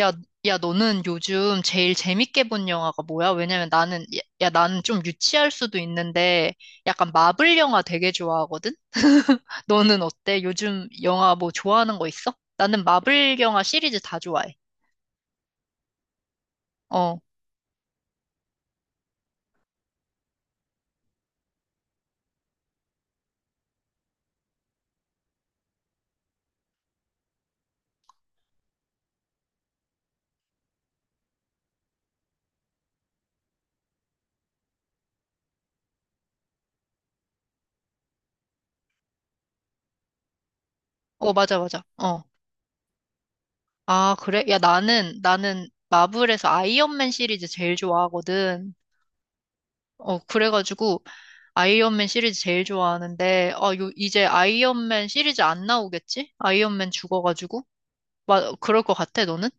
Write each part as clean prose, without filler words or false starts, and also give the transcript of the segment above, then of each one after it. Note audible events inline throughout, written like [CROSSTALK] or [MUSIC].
야, 너는 요즘 제일 재밌게 본 영화가 뭐야? 왜냐면 나는, 나는 좀 유치할 수도 있는데 약간 마블 영화 되게 좋아하거든? [LAUGHS] 너는 어때? 요즘 영화 뭐 좋아하는 거 있어? 나는 마블 영화 시리즈 다 좋아해. 어, 어, 맞아, 맞아. 어. 아, 그래? 야, 나는 마블에서 아이언맨 시리즈 제일 좋아하거든. 어, 그래가지고 아이언맨 시리즈 제일 좋아하는데, 이제 아이언맨 시리즈 안 나오겠지? 아이언맨 죽어가지고. 그럴 것 같아, 너는?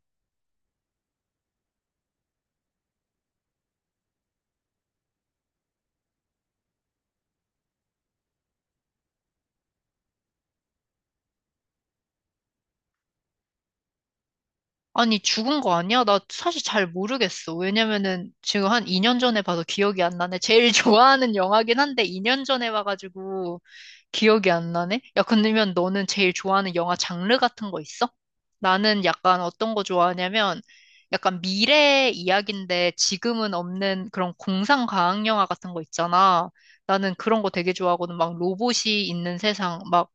아니, 죽은 거 아니야? 나 사실 잘 모르겠어. 왜냐면은 지금 한 2년 전에 봐서 기억이 안 나네. 제일 [LAUGHS] 좋아하는 영화긴 한데 2년 전에 봐가지고 기억이 안 나네? 야, 근데면 너는 제일 좋아하는 영화 장르 같은 거 있어? 나는 약간 어떤 거 좋아하냐면 약간 미래 이야기인데 지금은 없는 그런 공상 과학 영화 같은 거 있잖아. 나는 그런 거 되게 좋아하거든. 막 로봇이 있는 세상 막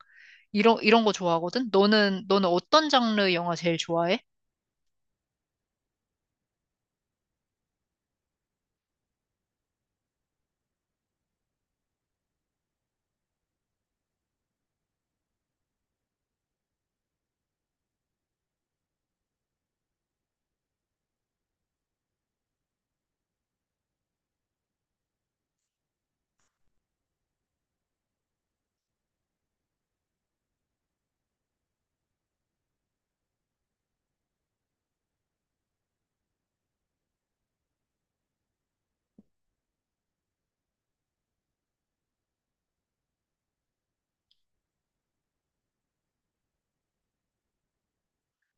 이런 거 좋아하거든. 너는 어떤 장르 영화 제일 좋아해?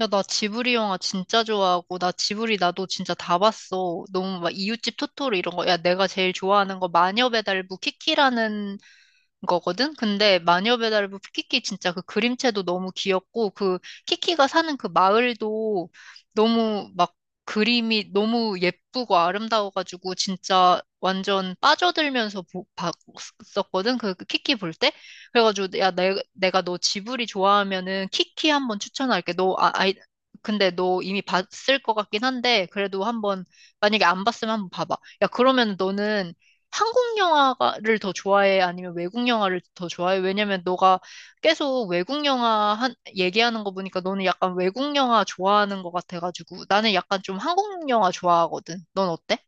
야, 나 지브리 영화 진짜 좋아하고, 나 지브리 나도 진짜 다 봤어. 너무 막 이웃집 토토로 이런 거. 야, 내가 제일 좋아하는 거 마녀배달부 키키라는 거거든? 근데 마녀 배달부 키키 진짜 그 그림체도 너무 귀엽고 그 키키가 사는 그 마을도 너무 막 그림이 너무 예쁘고 아름다워가지고 진짜 완전 빠져들면서 봤었거든? 그 키키 볼 때? 그래가지고 야, 내가 너 지브리 좋아하면은 키키 한번 추천할게. 너 아, 아이 근데 너 이미 봤을 것 같긴 한데 그래도 한번 만약에 안 봤으면 한번 봐봐. 야, 그러면 너는 한국 영화를 더 좋아해? 아니면 외국 영화를 더 좋아해? 왜냐면 너가 계속 외국 영화 얘기하는 거 보니까 너는 약간 외국 영화 좋아하는 것 같아가지고 나는 약간 좀 한국 영화 좋아하거든. 넌 어때?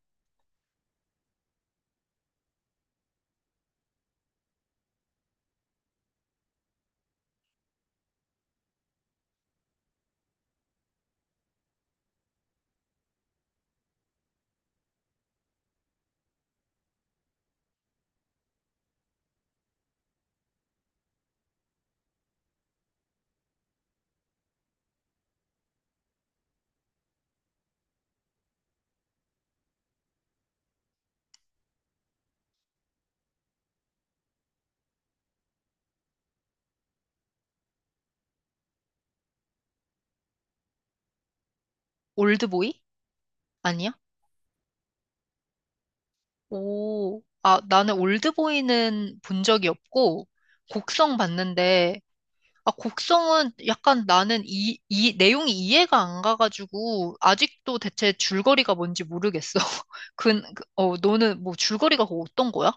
올드보이? 아니야? 아, 나는 올드보이는 본 적이 없고 곡성 봤는데 아, 곡성은 약간 나는 내용이 이해가 안 가가지고, 아직도 대체 줄거리가 뭔지 모르겠어. [LAUGHS] 너는 뭐 줄거리가 그거 어떤 거야?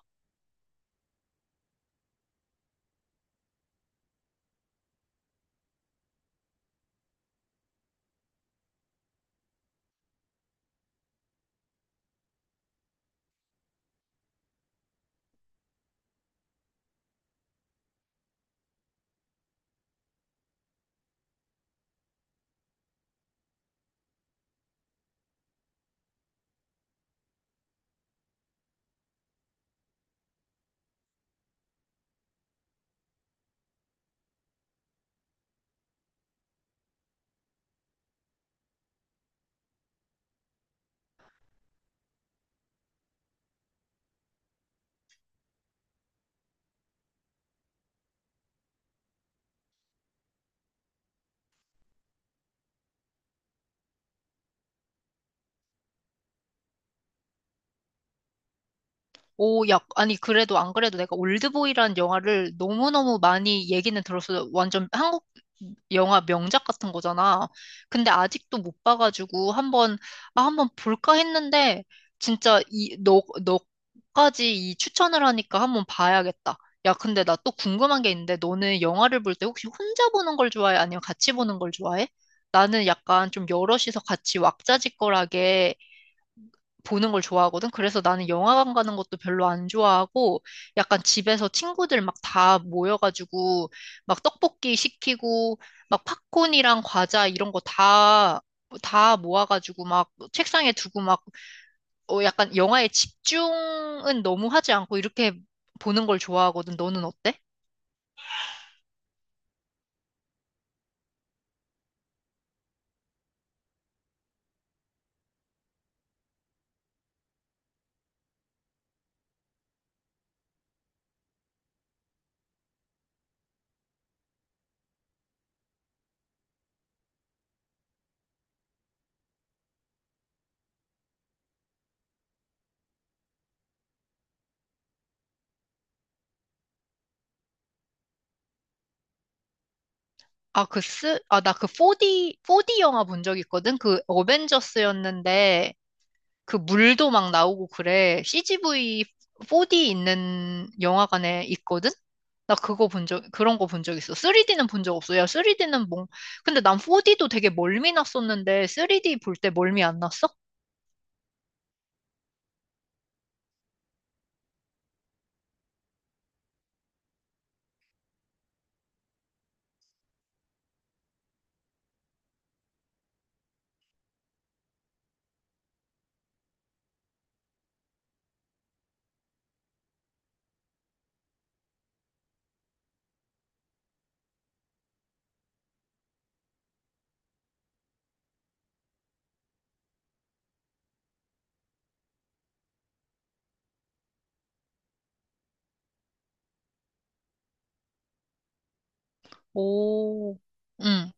야, 아니, 그래도 안 그래도 내가 올드보이라는 영화를 너무너무 많이 얘기는 들었어. 완전 한국 영화 명작 같은 거잖아. 근데 아직도 못 봐가지고 아, 한번 볼까 했는데, 진짜 너까지 이 추천을 하니까 한번 봐야겠다. 야, 근데 나 또 궁금한 게 있는데, 너는 영화를 볼 때 혹시 혼자 보는 걸 좋아해? 아니면 같이 보는 걸 좋아해? 나는 약간 좀 여럿이서 같이 왁자지껄하게 보는 걸 좋아하거든. 그래서 나는 영화관 가는 것도 별로 안 좋아하고 약간 집에서 친구들 막 다 모여가지고 막 떡볶이 시키고 막 팝콘이랑 과자 이런 거 다 모아가지고 막 책상에 두고 막 어, 약간 영화에 집중은 너무 하지 않고 이렇게 보는 걸 좋아하거든. 너는 어때? 아, 나 그 4D 영화 본 적 있거든? 그 어벤져스였는데 그 물도 막 나오고 그래. CGV 4D 있는 영화관에 있거든? 나 그런 거 본 적 있어. 3D는 본 적 없어. 야, 3D는 뭐, 근데 난 4D도 되게 멀미 났었는데, 3D 볼 때 멀미 안 났어? 오, 응,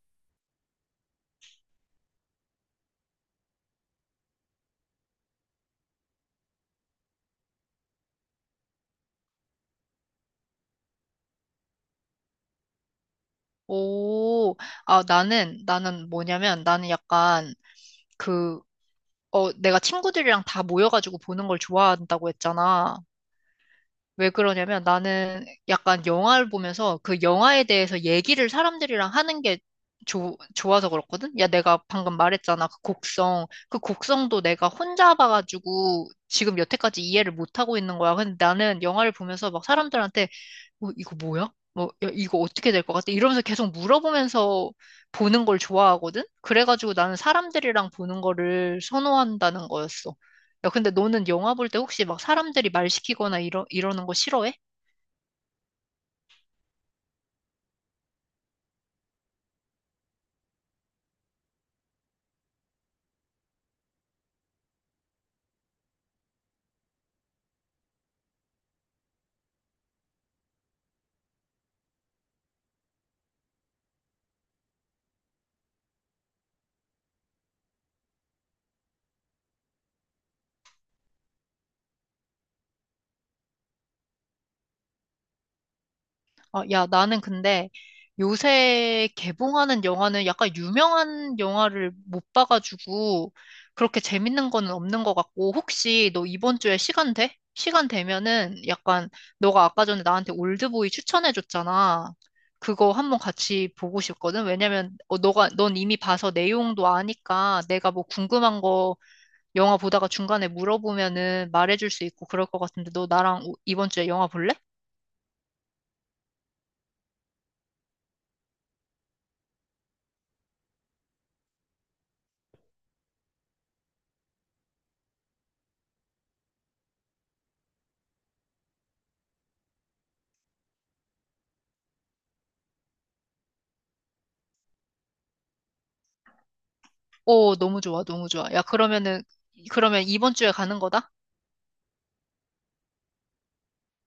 오. 아, 나는 뭐냐면, 나는 약간, 그, 어, 내가 친구들이랑 다 모여가지고 보는 걸 좋아한다고 했잖아. 왜 그러냐면 나는 약간 영화를 보면서 그 영화에 대해서 얘기를 사람들이랑 하는 게 좋아서 그렇거든? 야, 내가 방금 말했잖아. 그 곡성. 그 곡성도 내가 혼자 봐가지고 지금 여태까지 이해를 못하고 있는 거야. 근데 나는 영화를 보면서 막 사람들한테 어, 이거 뭐야? 뭐, 야, 이거 어떻게 될 것 같아? 이러면서 계속 물어보면서 보는 걸 좋아하거든? 그래가지고 나는 사람들이랑 보는 거를 선호한다는 거였어. 야, 근데 너는 영화 볼 때 혹시 막 사람들이 말 시키거나 이러는 거 싫어해? 아, 야, 나는 근데 요새 개봉하는 영화는 약간 유명한 영화를 못 봐가지고 그렇게 재밌는 거는 없는 것 같고 혹시 너 이번 주에 시간 돼? 시간 되면은 약간 너가 아까 전에 나한테 올드보이 추천해줬잖아. 그거 한번 같이 보고 싶거든. 왜냐면 어, 너가 넌 이미 봐서 내용도 아니까 내가 뭐 궁금한 거 영화 보다가 중간에 물어보면은 말해줄 수 있고 그럴 것 같은데 너 나랑 이번 주에 영화 볼래? 오, 너무 좋아. 야, 그러면 이번 주에 가는 거다?